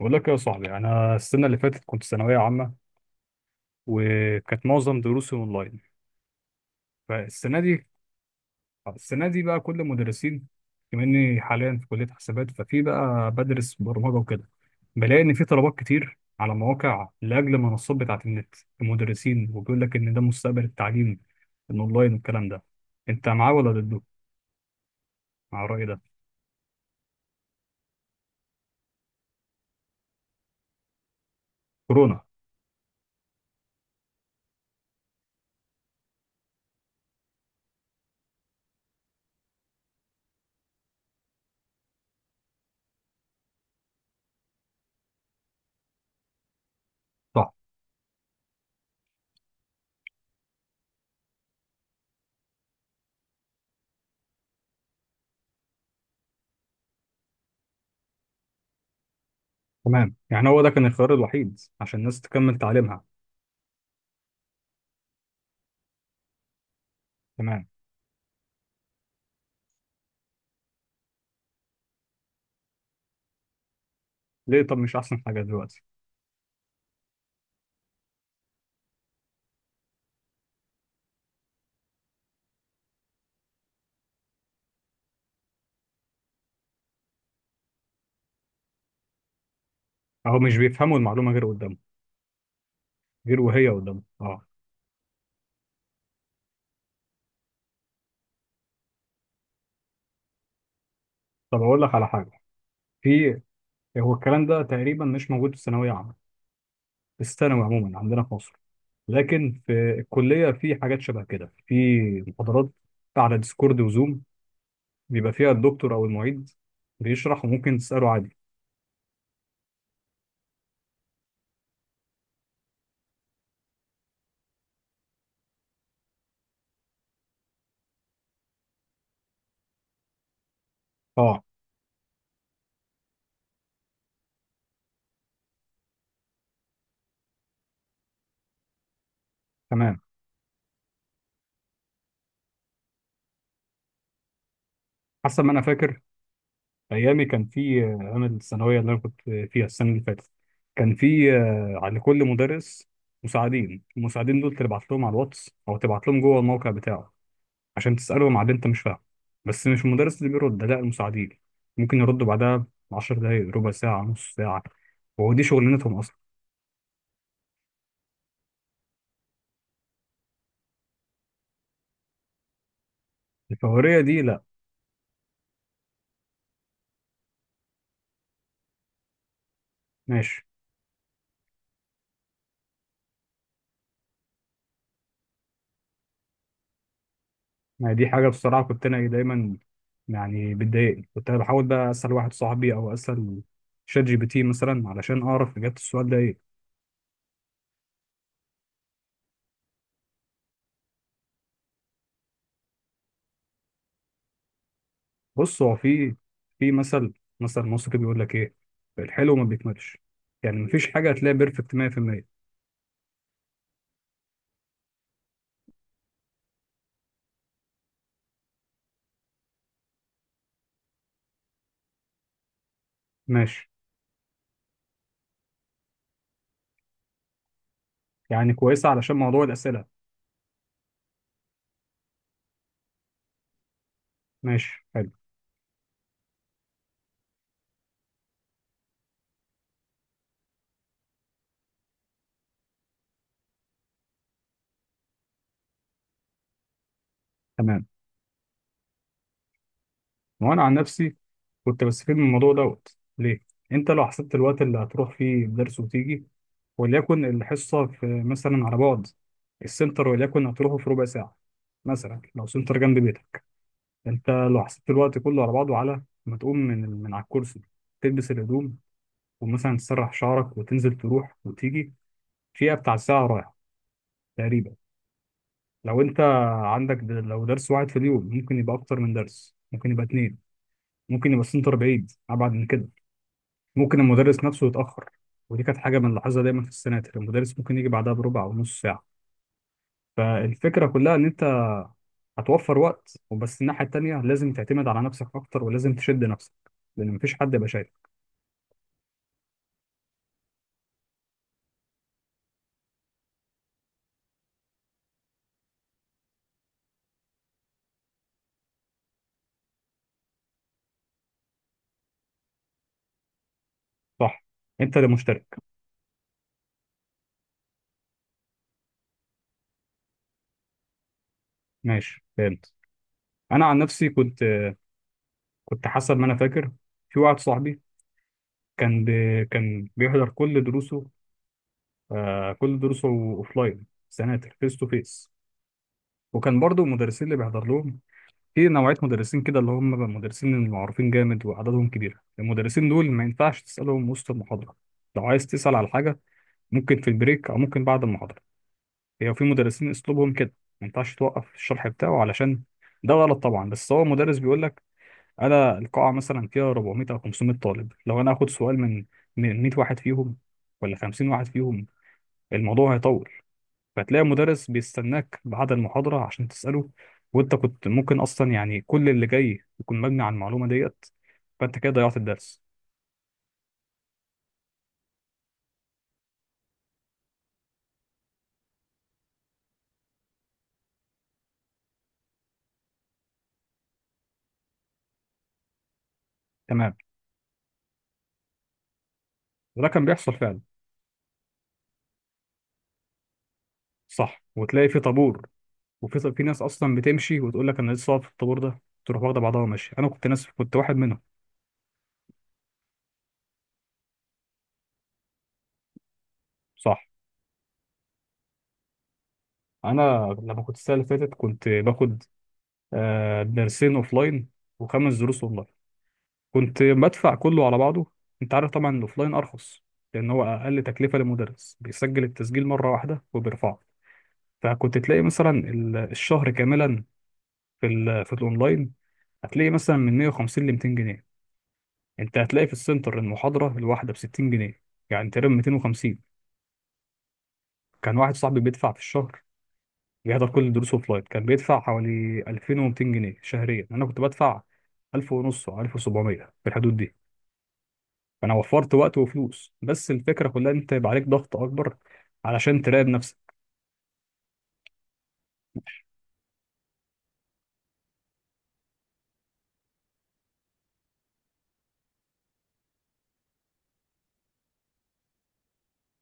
بقول لك يا صاحبي، انا السنه اللي فاتت كنت ثانويه عامه، وكانت معظم دروسي اونلاين. فالسنه دي بقى كل المدرسين، بما اني حاليا في كليه حسابات ففي بقى بدرس برمجه وكده، بلاقي ان في طلبات كتير على مواقع لاجل المنصات بتاعه النت. المدرسين وبيقول لك ان ده مستقبل التعليم الاونلاين والكلام ده، انت معاه ولا ضده؟ مع الراي ده؟ كورونا. صح. تمام، يعني هو ده كان الخيار الوحيد عشان الناس تكمل تعليمها. تمام، ليه طب مش احسن حاجه دلوقتي؟ اهو مش بيفهموا المعلومه غير قدامه. غير وهي قدامه، اه. طب اقول لك على حاجه. في هو الكلام ده تقريبا مش موجود في الثانويه عامه، في الثانوي عموما عندنا في مصر، لكن في الكليه في حاجات شبه كده، في محاضرات على ديسكورد وزوم بيبقى فيها الدكتور او المعيد بيشرح، وممكن تساله عادي. اه، تمام. حسب ما انا فاكر ايامي، كان في انا الثانويه اللي انا كنت فيها السنه اللي فاتت، كان في على كل مدرس مساعدين. المساعدين دول تبعت لهم على الواتس او تبعت لهم جوه الموقع بتاعه عشان تسالهم على اللي انت مش فاهمه. بس مش المدرس اللي بيرد، لا، المساعدين، ممكن يردوا بعدها 10 دقائق، ربع ساعه، نص ساعه، وهو دي شغلانتهم اصلا. الفوريه دي لا. ماشي، يعني دي حاجه بصراحه كنت انا إيه دايما، يعني بتضايقني، كنت أنا بحاول بقى اسال واحد صاحبي او اسال شات جي بي تي مثلا علشان اعرف اجابه السؤال ده ايه؟ بص، هو في مثل مصري بيقول لك ايه، الحلو ما بيكملش، يعني مفيش حاجه هتلاقي بيرفكت 100%. ماشي، يعني كويسه علشان موضوع الاسئله. ماشي، حلو. تمام. وانا عن نفسي كنت بستفيد من الموضوع دوت ليه. انت لو حسبت الوقت اللي هتروح فيه الدرس وتيجي، وليكن الحصه في مثلا على بعد السنتر وليكن هتروحه في ربع ساعه، مثلا لو سنتر جنب بيتك، انت لو حسبت الوقت كله على بعضه، على ما تقوم من على الكرسي، تلبس الهدوم، ومثلا تسرح شعرك وتنزل تروح وتيجي، فيها بتاع ساعة رايحة تقريبا. لو انت لو درس واحد في اليوم، ممكن يبقى اكتر من درس، ممكن يبقى اتنين، ممكن يبقى السنتر بعيد ابعد من كده، ممكن المدرس نفسه يتأخر. ودي كانت حاجة بنلاحظها دايما في السناتر، المدرس ممكن يجي بعدها بربع او نص ساعة. فالفكرة كلها ان انت هتوفر وقت وبس، الناحية التانية لازم تعتمد على نفسك اكتر ولازم تشد نفسك لان مفيش حد يبقى شايف. صح. انت اللي مشترك. ماشي، فهمت. انا عن نفسي كنت حسب ما انا فاكر، في واحد صاحبي كان بيحضر كل دروسه، كل دروسه اوفلاين، سناتر فيس تو فيس، وكان برضو المدرسين اللي بيحضر لهم. في نوعيه مدرسين كده اللي هم مدرسين المعروفين جامد وعددهم كبير، المدرسين دول ما ينفعش تسالهم وسط المحاضره. لو عايز تسال على حاجه، ممكن في البريك او ممكن بعد المحاضره. هي في مدرسين اسلوبهم كده، ما ينفعش توقف الشرح بتاعه علشان. ده غلط طبعا، بس هو مدرس بيقول لك انا القاعه مثلا فيها 400 او 500 طالب، لو انا اخد سؤال من 100 واحد فيهم، ولا 50 واحد فيهم، الموضوع هيطول. فتلاقي مدرس بيستناك بعد المحاضره عشان تساله، وانت كنت ممكن اصلا يعني كل اللي جاي يكون مبني على المعلومه ديت، فانت كده ضيعت الدرس. تمام. وده كان بيحصل فعلا. صح، وتلاقي في طابور. وفي في ناس اصلا بتمشي وتقول لك انا لسه واقف في الطابور ده، تروح واخده بعضها وماشي، انا كنت ناس كنت واحد منهم. صح. انا لما كنت السنه اللي فاتت كنت باخد درسين اوفلاين وخمس دروس اونلاين، كنت بدفع كله على بعضه. انت عارف طبعا الاوفلاين ارخص، لان هو اقل تكلفه، للمدرس بيسجل التسجيل مره واحده وبيرفعه. فكنت تلاقي مثلا الشهر كاملا في الاونلاين هتلاقي مثلا من 150 ل 200 جنيه، انت هتلاقي في السنتر المحاضره الواحده ب 60 جنيه، يعني تقريبا 250. كان واحد صاحبي بيدفع في الشهر، بيحضر كل الدروس اوفلاين، كان بيدفع حوالي 2200 جنيه شهريا، انا كنت بدفع 1000 ونص او 1700 في الحدود دي. فانا وفرت وقت وفلوس، بس الفكره كلها إن انت يبقى عليك ضغط اكبر علشان تراقب نفسك.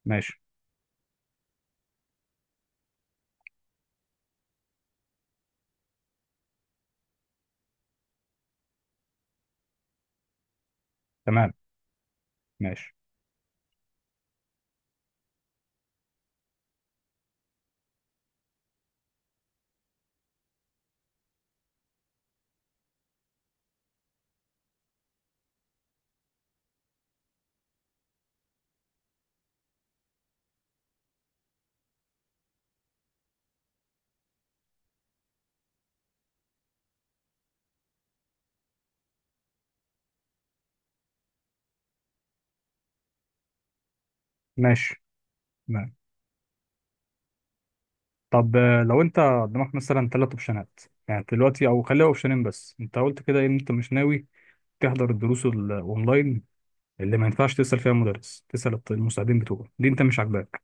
ماشي. تمام. ماشي. ماشي، تمام. طب لو انت قدامك مثلا ثلاث اوبشنات، يعني دلوقتي او خليها اوبشنين بس، انت قلت كده إيه؟ ان انت مش ناوي تحضر الدروس الاونلاين اللي ما ينفعش تسال فيها مدرس، تسال المساعدين بتوعه، دي انت مش عاجباك.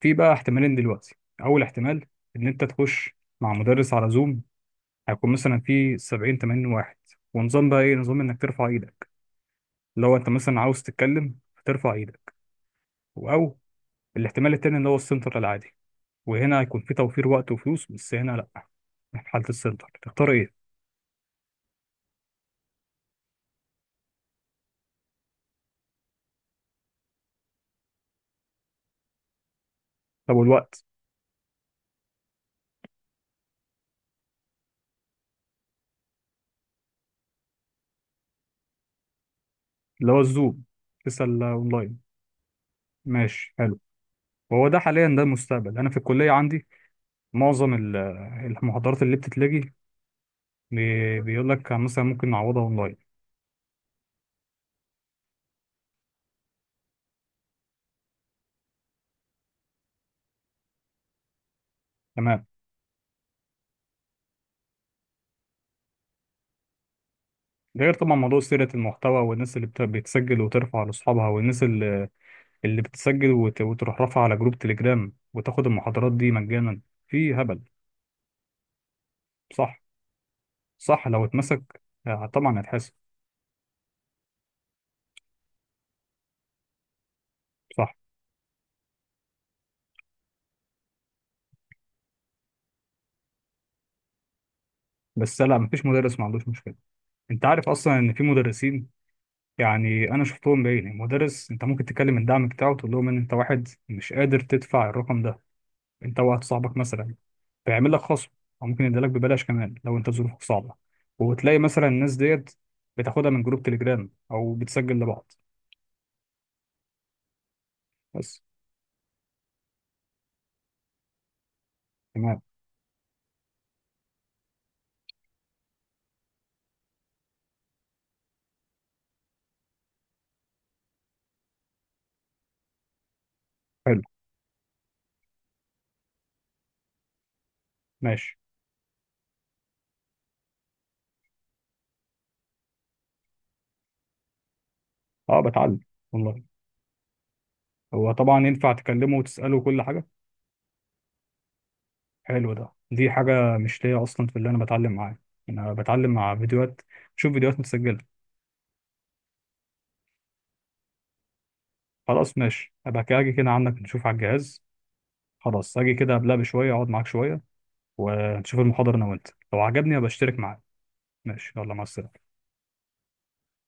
في بقى احتمالين دلوقتي. اول احتمال ان انت تخش مع مدرس على زوم، هيكون مثلا في 70 80 واحد، ونظام بقى ايه، نظام انك ترفع ايدك لو انت مثلا عاوز تتكلم، ترفع ايدك، او. الاحتمال التاني اللي هو السنتر العادي، وهنا هيكون في توفير وقت وفلوس، بس هنا لا، في حالة السنتر تختار ايه؟ طب والوقت؟ اللي هو الزوم، تسأل اونلاين. ماشي، حلو. وهو ده حاليا، ده المستقبل، انا في الكلية عندي معظم المحاضرات اللي بتتلغي، بيقول لك مثلا ممكن نعوضها اونلاين. تمام. ده غير طبعا موضوع سيرة المحتوى، والناس اللي بتسجل وترفع لاصحابها، والناس اللي بتسجل وتروح رافعه على جروب تليجرام وتاخد المحاضرات دي مجانا. في هبل. صح. صح، لو اتمسك طبعا هيتحاسب. صح، بس لا مفيش مدرس ما عندوش مشكله. انت عارف اصلا ان في مدرسين، يعني انا شفتهم بعيني، مدرس انت ممكن تكلم الدعم بتاعه تقول لهم ان انت واحد مش قادر تدفع الرقم ده، انت واحد صاحبك مثلا، فيعمل لك خصم، او ممكن يديلك ببلاش كمان لو انت ظروفك صعبه، وتلاقي مثلا الناس ديت بتاخدها من جروب تليجرام او بتسجل لبعض بس. تمام. حلو. ماشي. اه، بتعلم. والله هو طبعا ينفع تكلمه وتسأله كل حاجة. حلو، ده دي حاجة مش ليا أصلا، في اللي أنا بتعلم معاه أنا بتعلم مع فيديوهات، شوف فيديوهات متسجلة. خلاص ماشي، أبقى كده أجي كده عندك نشوف على الجهاز. خلاص، أجي كده قبلها بشوية أقعد معاك شوية، ونشوف المحاضرة أنا وأنت، لو عجبني أبقى أشترك معاك. ماشي، يلا مع السلامة.